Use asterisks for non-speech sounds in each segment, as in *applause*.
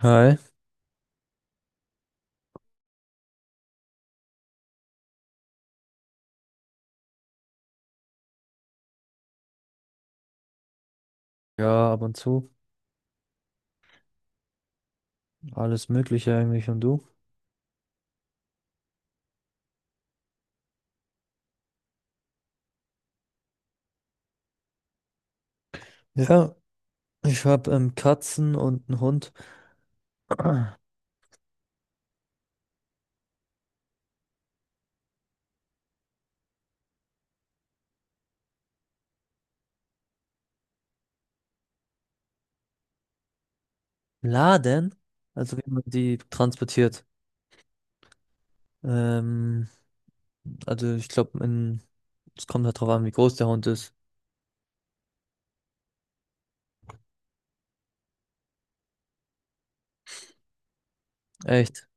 Hi. Ja, ab und zu. Alles Mögliche eigentlich, und du? Ja, ich habe Katzen und einen Hund. *clears throat* Laden? Also wie man die transportiert. Ähm, also ich glaube, es kommt halt drauf an, wie groß der Hund ist. Echt?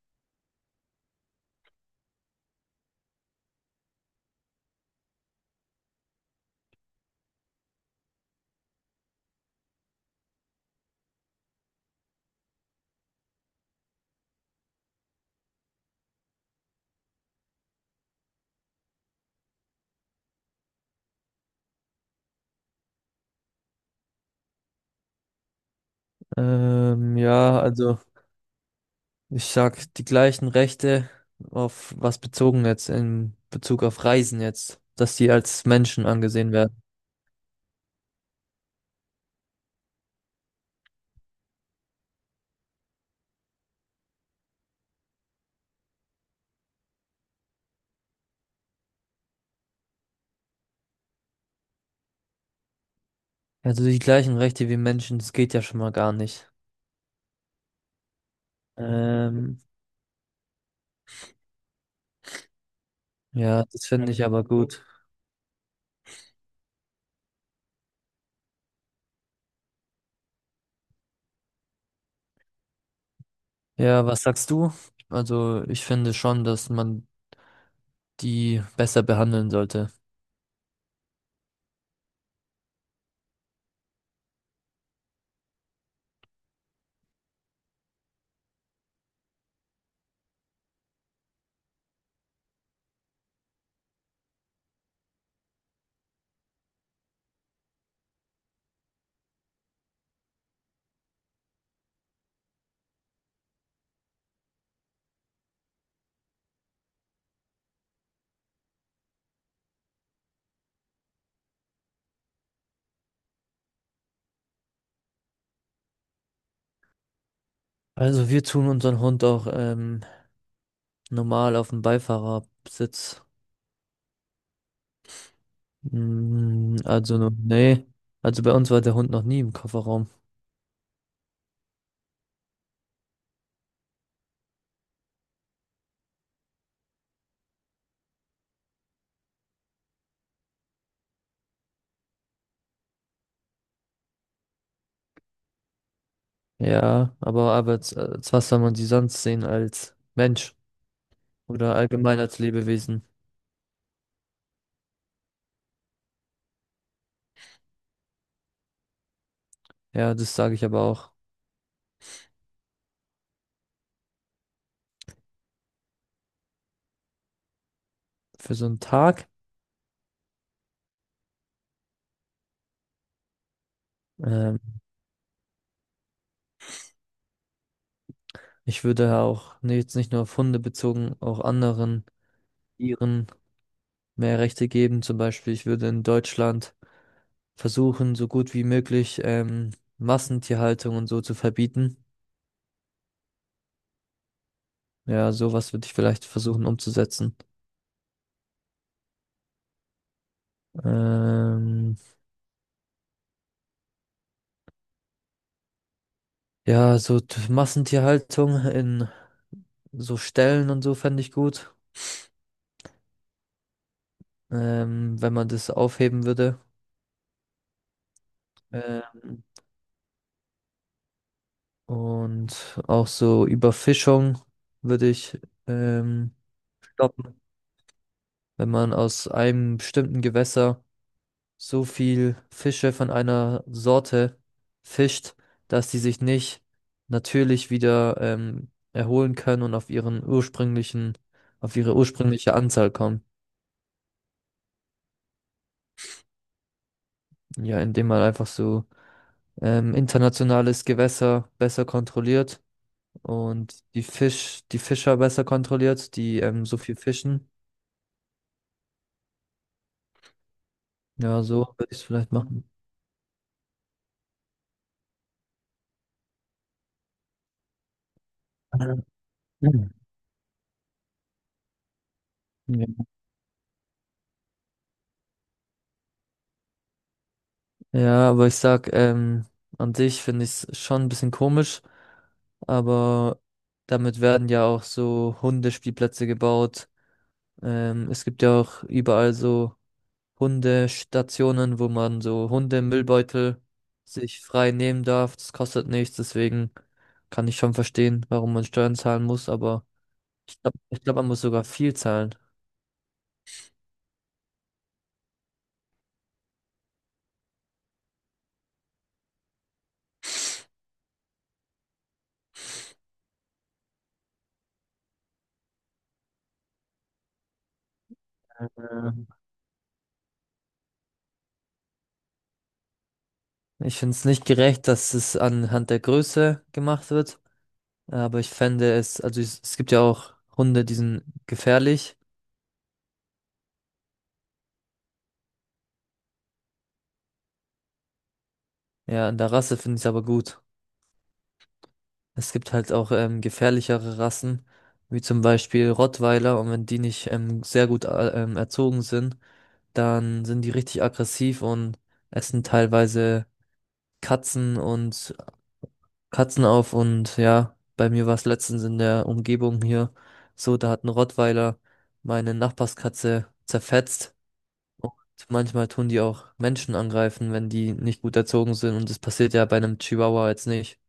Ja, also ich sag, die gleichen Rechte auf was bezogen jetzt? In Bezug auf Reisen jetzt, dass die als Menschen angesehen werden? Also die gleichen Rechte wie Menschen, das geht ja schon mal gar nicht. Ähm, Ja, das finde ich aber gut. Ja, was sagst du? Also, ich finde schon, dass man die besser behandeln sollte. Also, wir tun unseren Hund auch normal auf dem Beifahrersitz. Mm, also, nee. Also, bei uns war der Hund noch nie im Kofferraum. Ja, aber als was soll man sie sonst sehen, als Mensch oder allgemein als Lebewesen? Ja, das sage ich aber auch, für so einen Tag. Ähm, Ich würde auch, nee, jetzt nicht nur auf Hunde bezogen, auch anderen Tieren mehr Rechte geben. Zum Beispiel, ich würde in Deutschland versuchen, so gut wie möglich Massentierhaltung und so zu verbieten. Ja, sowas würde ich vielleicht versuchen umzusetzen. Ähm, ja, so Massentierhaltung in so Ställen und so fände ich gut, wenn man das aufheben würde. Ähm, und auch so Überfischung würde ich ähm, stoppen, wenn man aus einem bestimmten Gewässer so viel Fische von einer Sorte fischt, dass die sich nicht natürlich wieder erholen können und auf ihren ursprünglichen, auf ihre ursprüngliche Anzahl kommen. Ja, indem man einfach so internationales Gewässer besser kontrolliert und die Fischer besser kontrolliert, die so viel fischen. Ja, so würde ich es vielleicht machen. *clears throat* Mhm. Ja. Ja, aber ich sag, an sich finde ich es schon ein bisschen komisch, aber damit werden ja auch so Hundespielplätze gebaut. Es gibt ja auch überall so Hundestationen, wo man so Hundemüllbeutel sich frei nehmen darf. Das kostet nichts, deswegen kann ich schon verstehen, warum man Steuern zahlen muss, aber ich glaub, man muss sogar viel zahlen. Ähm, Ich finde es nicht gerecht, dass es anhand der Größe gemacht wird. Aber ich fände es, also es, gibt ja auch Hunde, die sind gefährlich. Ja, an der Rasse finde ich es aber gut. Es gibt halt auch gefährlichere Rassen, wie zum Beispiel Rottweiler. Und wenn die nicht sehr gut, erzogen sind, dann sind die richtig aggressiv und essen teilweise Katzen und Katzen auf. Und ja, bei mir war es letztens in der Umgebung hier so, da hat ein Rottweiler meine Nachbarskatze zerfetzt. Manchmal tun die auch Menschen angreifen, wenn die nicht gut erzogen sind, und das passiert ja bei einem Chihuahua jetzt nicht.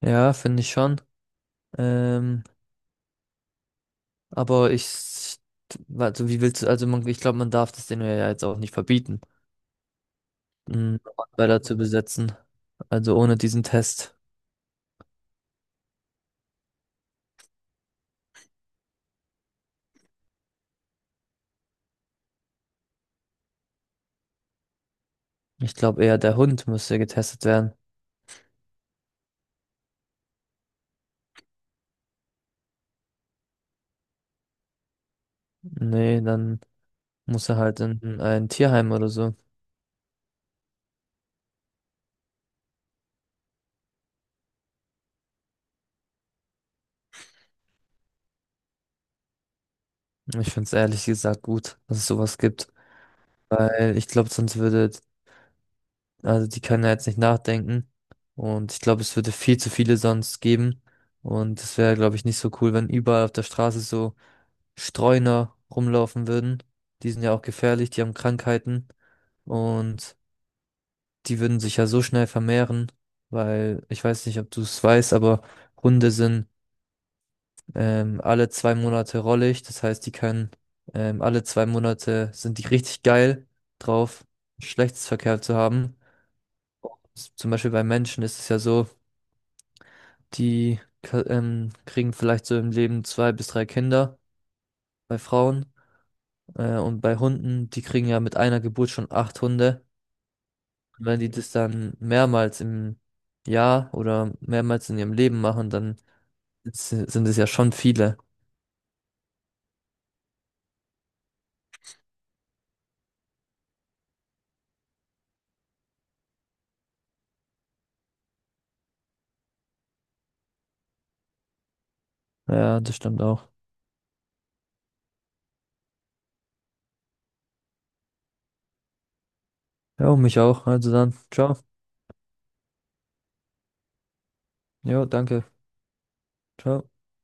Ja, finde ich schon. Ähm, aber also wie willst du, also man, ich glaube, man darf das denen ja jetzt auch nicht verbieten, einen Rottweiler zu besetzen. Also ohne diesen Test. Ich glaube eher, der Hund müsste getestet werden. Nee, dann muss er halt in ein Tierheim oder so. Ich finde es ehrlich gesagt gut, dass es sowas gibt. Weil ich glaube, sonst würde also die können ja jetzt nicht nachdenken. Und ich glaube, es würde viel zu viele sonst geben. Und es wäre, glaube ich, nicht so cool, wenn überall auf der Straße so Streuner rumlaufen würden. Die sind ja auch gefährlich, die haben Krankheiten. Und die würden sich ja so schnell vermehren, weil, ich weiß nicht, ob du es weißt, aber Hunde sind alle 2 Monate rollig. Das heißt, die können, alle 2 Monate sind die richtig geil drauf, Geschlechtsverkehr zu haben. Zum Beispiel bei Menschen ist es ja so, kriegen vielleicht so im Leben zwei bis drei Kinder, bei Frauen. Und bei Hunden, die kriegen ja mit einer Geburt schon acht Hunde. Und wenn die das dann mehrmals im Jahr oder mehrmals in ihrem Leben machen, dann sind es ja schon viele. Ja, das stimmt auch. Ja, und mich auch. Also dann, ciao. Jo, danke. Ciao.